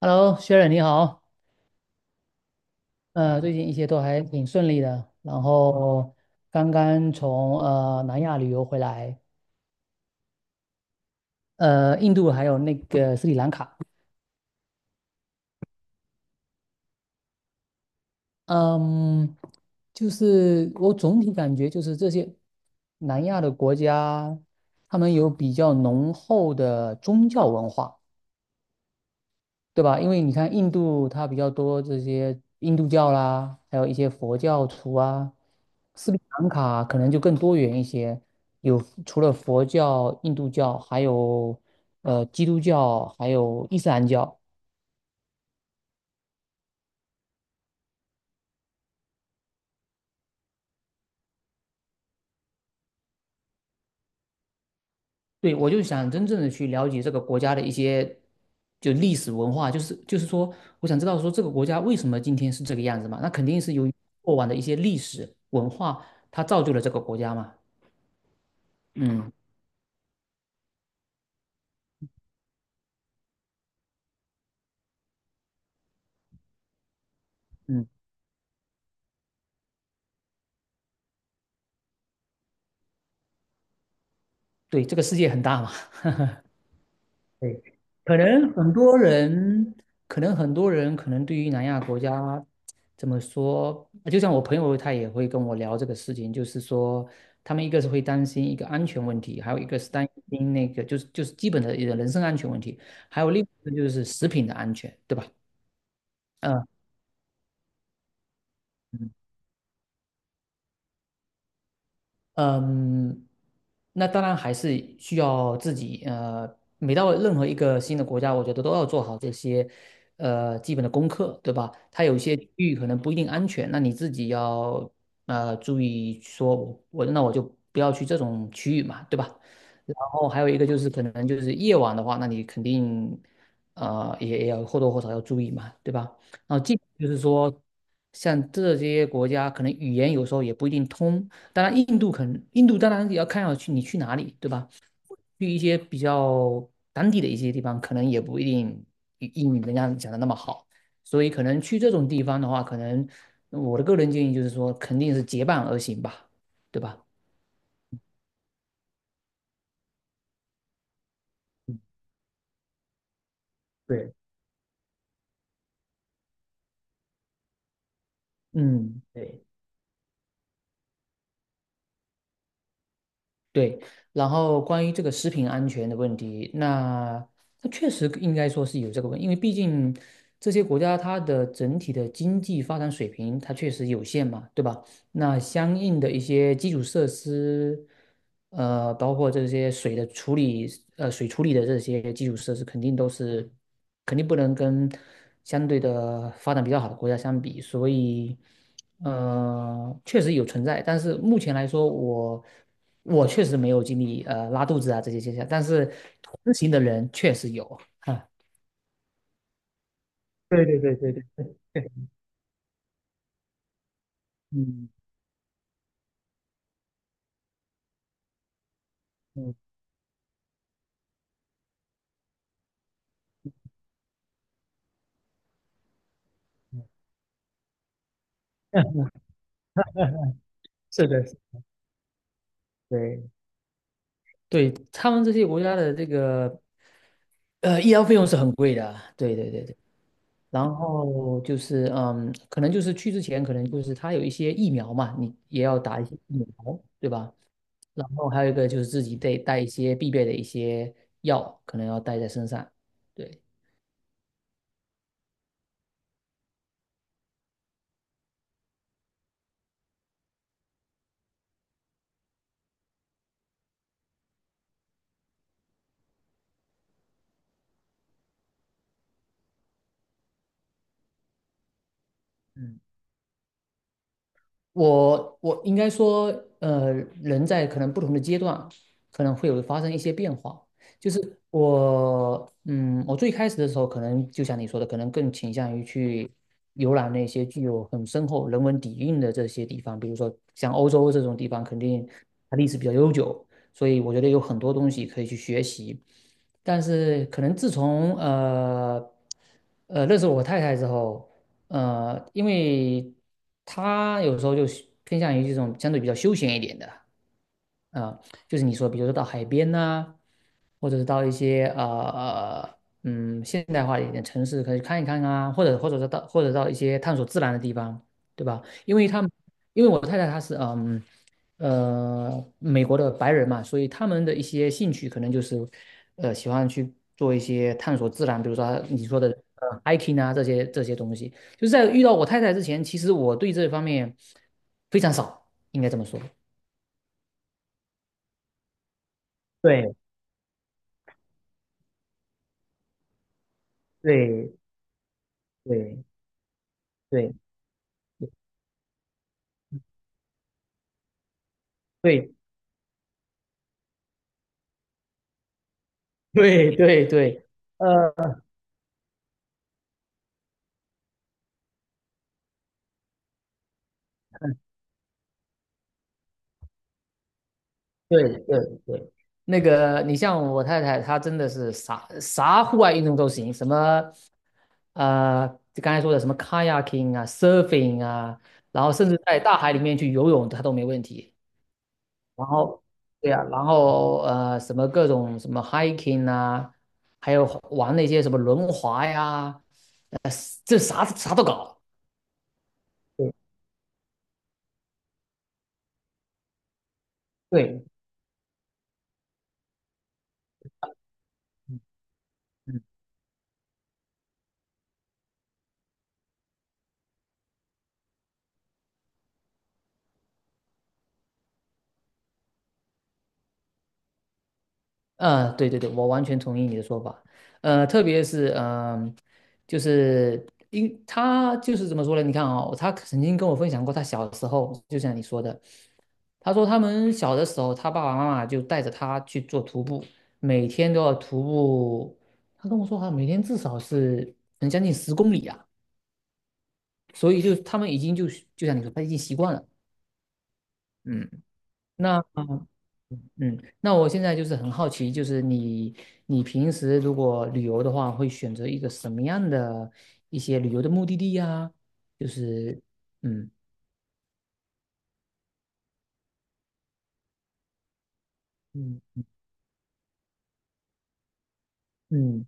Hello，薛忍你好，最近一切都还挺顺利的，然后刚刚从南亚旅游回来，印度还有那个斯里兰卡，嗯，就是我总体感觉就是这些南亚的国家，他们有比较浓厚的宗教文化，对吧？因为你看印度它比较多这些印度教啦，还有一些佛教徒啊，斯里兰卡可能就更多元一些，有除了佛教、印度教，还有基督教，还有伊斯兰教。对，我就想真正的去了解这个国家的一些就历史文化，就是说，我想知道说这个国家为什么今天是这个样子嘛？那肯定是由于过往的一些历史文化，它造就了这个国家嘛。嗯嗯，对，这个世界很大嘛。对，可能很多人，可能对于南亚国家怎么说，就像我朋友他也会跟我聊这个事情，就是说，他们一个是会担心一个安全问题，还有一个是担心那个就是基本的一个人身安全问题，还有另一个就是食品的安全，对吧？嗯嗯，那当然还是需要自己，每到任何一个新的国家，我觉得都要做好这些基本的功课，对吧？它有一些区域可能不一定安全，那你自己要注意说我就不要去这种区域嘛，对吧？然后还有一个就是可能就是夜晚的话，那你肯定也要或多或少要注意嘛，对吧？然后就是说，像这些国家可能语言有时候也不一定通。当然，印度当然也要看要去你去哪里，对吧？去一些比较当地的一些地方，可能也不一定英语人家讲的那么好，所以可能去这种地方的话，可能我的个人建议就是说，肯定是结伴而行吧，对吧？嗯，对嗯。对，对，然后关于这个食品安全的问题，那它确实应该说是有这个问题，因为毕竟这些国家它的整体的经济发展水平它确实有限嘛，对吧？那相应的一些基础设施，包括这些水的处理，水处理的这些基础设施，肯定不能跟相对的发展比较好的国家相比，所以，确实有存在，但是目前来说，我确实没有经历拉肚子啊这些现象，但是同行的人确实有啊，对对对对对，嗯嗯，是的，是的对对，他们这些国家的这个。医疗费用是很贵的啊对对对对。然后就是，可能就是去之前，可能就是他有一些疫苗嘛，你也要打一些疫苗，对吧？然后还有一个就是自己得带一些必备的一些药，可能要带在身上。对，嗯。我应该说，呃，人在可能不同的阶段，可能会有发生一些变化。就是我最开始的时候，可能就像你说的，可能更倾向于去游览那些具有很深厚人文底蕴的这些地方，比如说像欧洲这种地方，肯定它历史比较悠久，所以我觉得有很多东西可以去学习。但是可能自从认识我太太之后，因为他有时候就是偏向于这种相对比较休闲一点的，呃，就是你说，比如说到海边呐、或者是到一些现代化一点的城市，可以看一看啊，或者到一些探索自然的地方，对吧？因为他们，因为我太太她是美国的白人嘛，所以他们的一些兴趣可能就是喜欢去做一些探索自然，比如说你说的hiking 啊这些东西。就是在遇到我太太之前，其实我对这方面非常少，应该这么说。对对对对对对对对，呃，对对对，那个你像我太太，她真的是啥啥户外运动都行，什么呃，就刚才说的什么 kayaking 啊，surfing 啊，然后甚至在大海里面去游泳，她都没问题。然后对呀、然后什么各种什么 hiking 啊，还有玩那些什么轮滑呀，呃，这啥啥都搞。对对，嗯嗯，对对对，我完全同意你的说法。特别是嗯、呃就是因他就是怎么说呢？你看啊，他曾经跟我分享过，他小时候就像你说的，他说他们小的时候，他爸爸妈妈就带着他去做徒步，每天都要徒步。他跟我说，他每天至少是能将近10公里啊，所以就他们已经就就像你说，他已经习惯了。嗯，那嗯，那我现在就是很好奇，就是你平时如果旅游的话，会选择一个什么样的一些旅游的目的地呀？就是嗯嗯嗯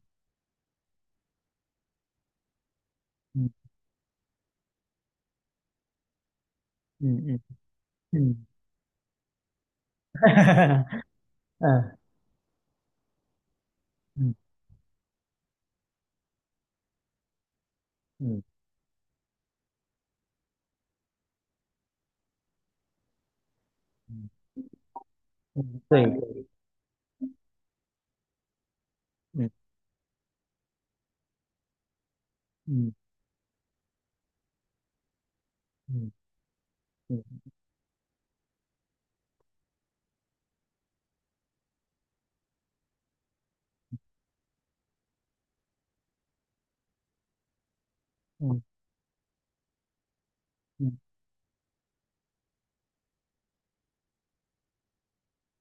嗯嗯嗯嗯，嗯嗯嗯嗯嗯，对，嗯嗯嗯嗯嗯嗯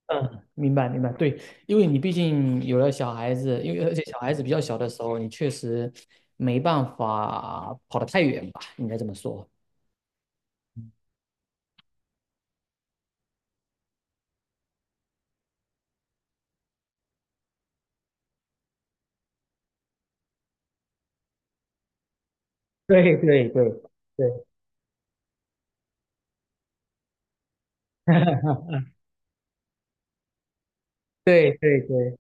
嗯，明白明白，对，因为你毕竟有了小孩子，而且小孩子比较小的时候，你确实没办法跑得太远吧，应该这么说。对对对对对对对，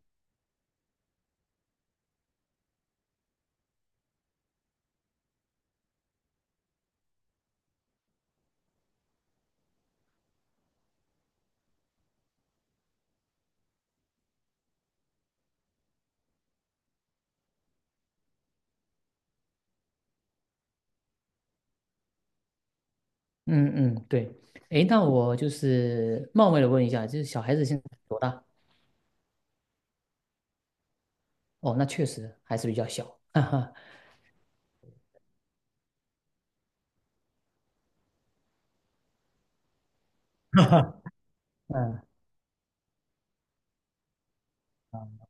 嗯嗯对，诶，那我就是冒昧的问一下，就是小孩子现在多大？哦，那确实还是比较小，哈哈，嗯嗯，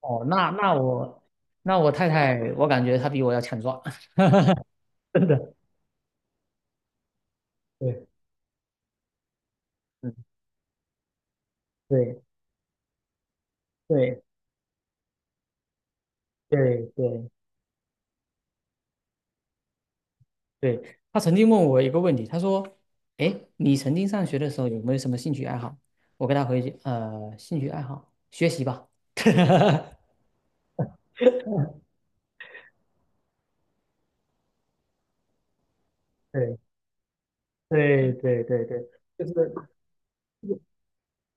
哦，那我太太，我感觉她比我要强壮，真的，对，嗯对对对对对，她曾经问我一个问题，她说，诶，你曾经上学的时候有没有什么兴趣爱好？我跟她回，兴趣爱好，学习吧。对对对对对，就是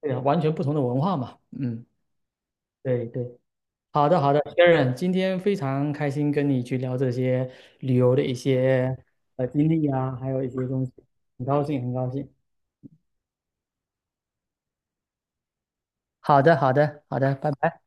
对啊，完全不同的文化嘛。嗯，对对，好的好的，Sharon，今天非常开心跟你去聊这些旅游的一些经历啊，还有一些东西，很高兴很高兴。好的好的好的，拜拜。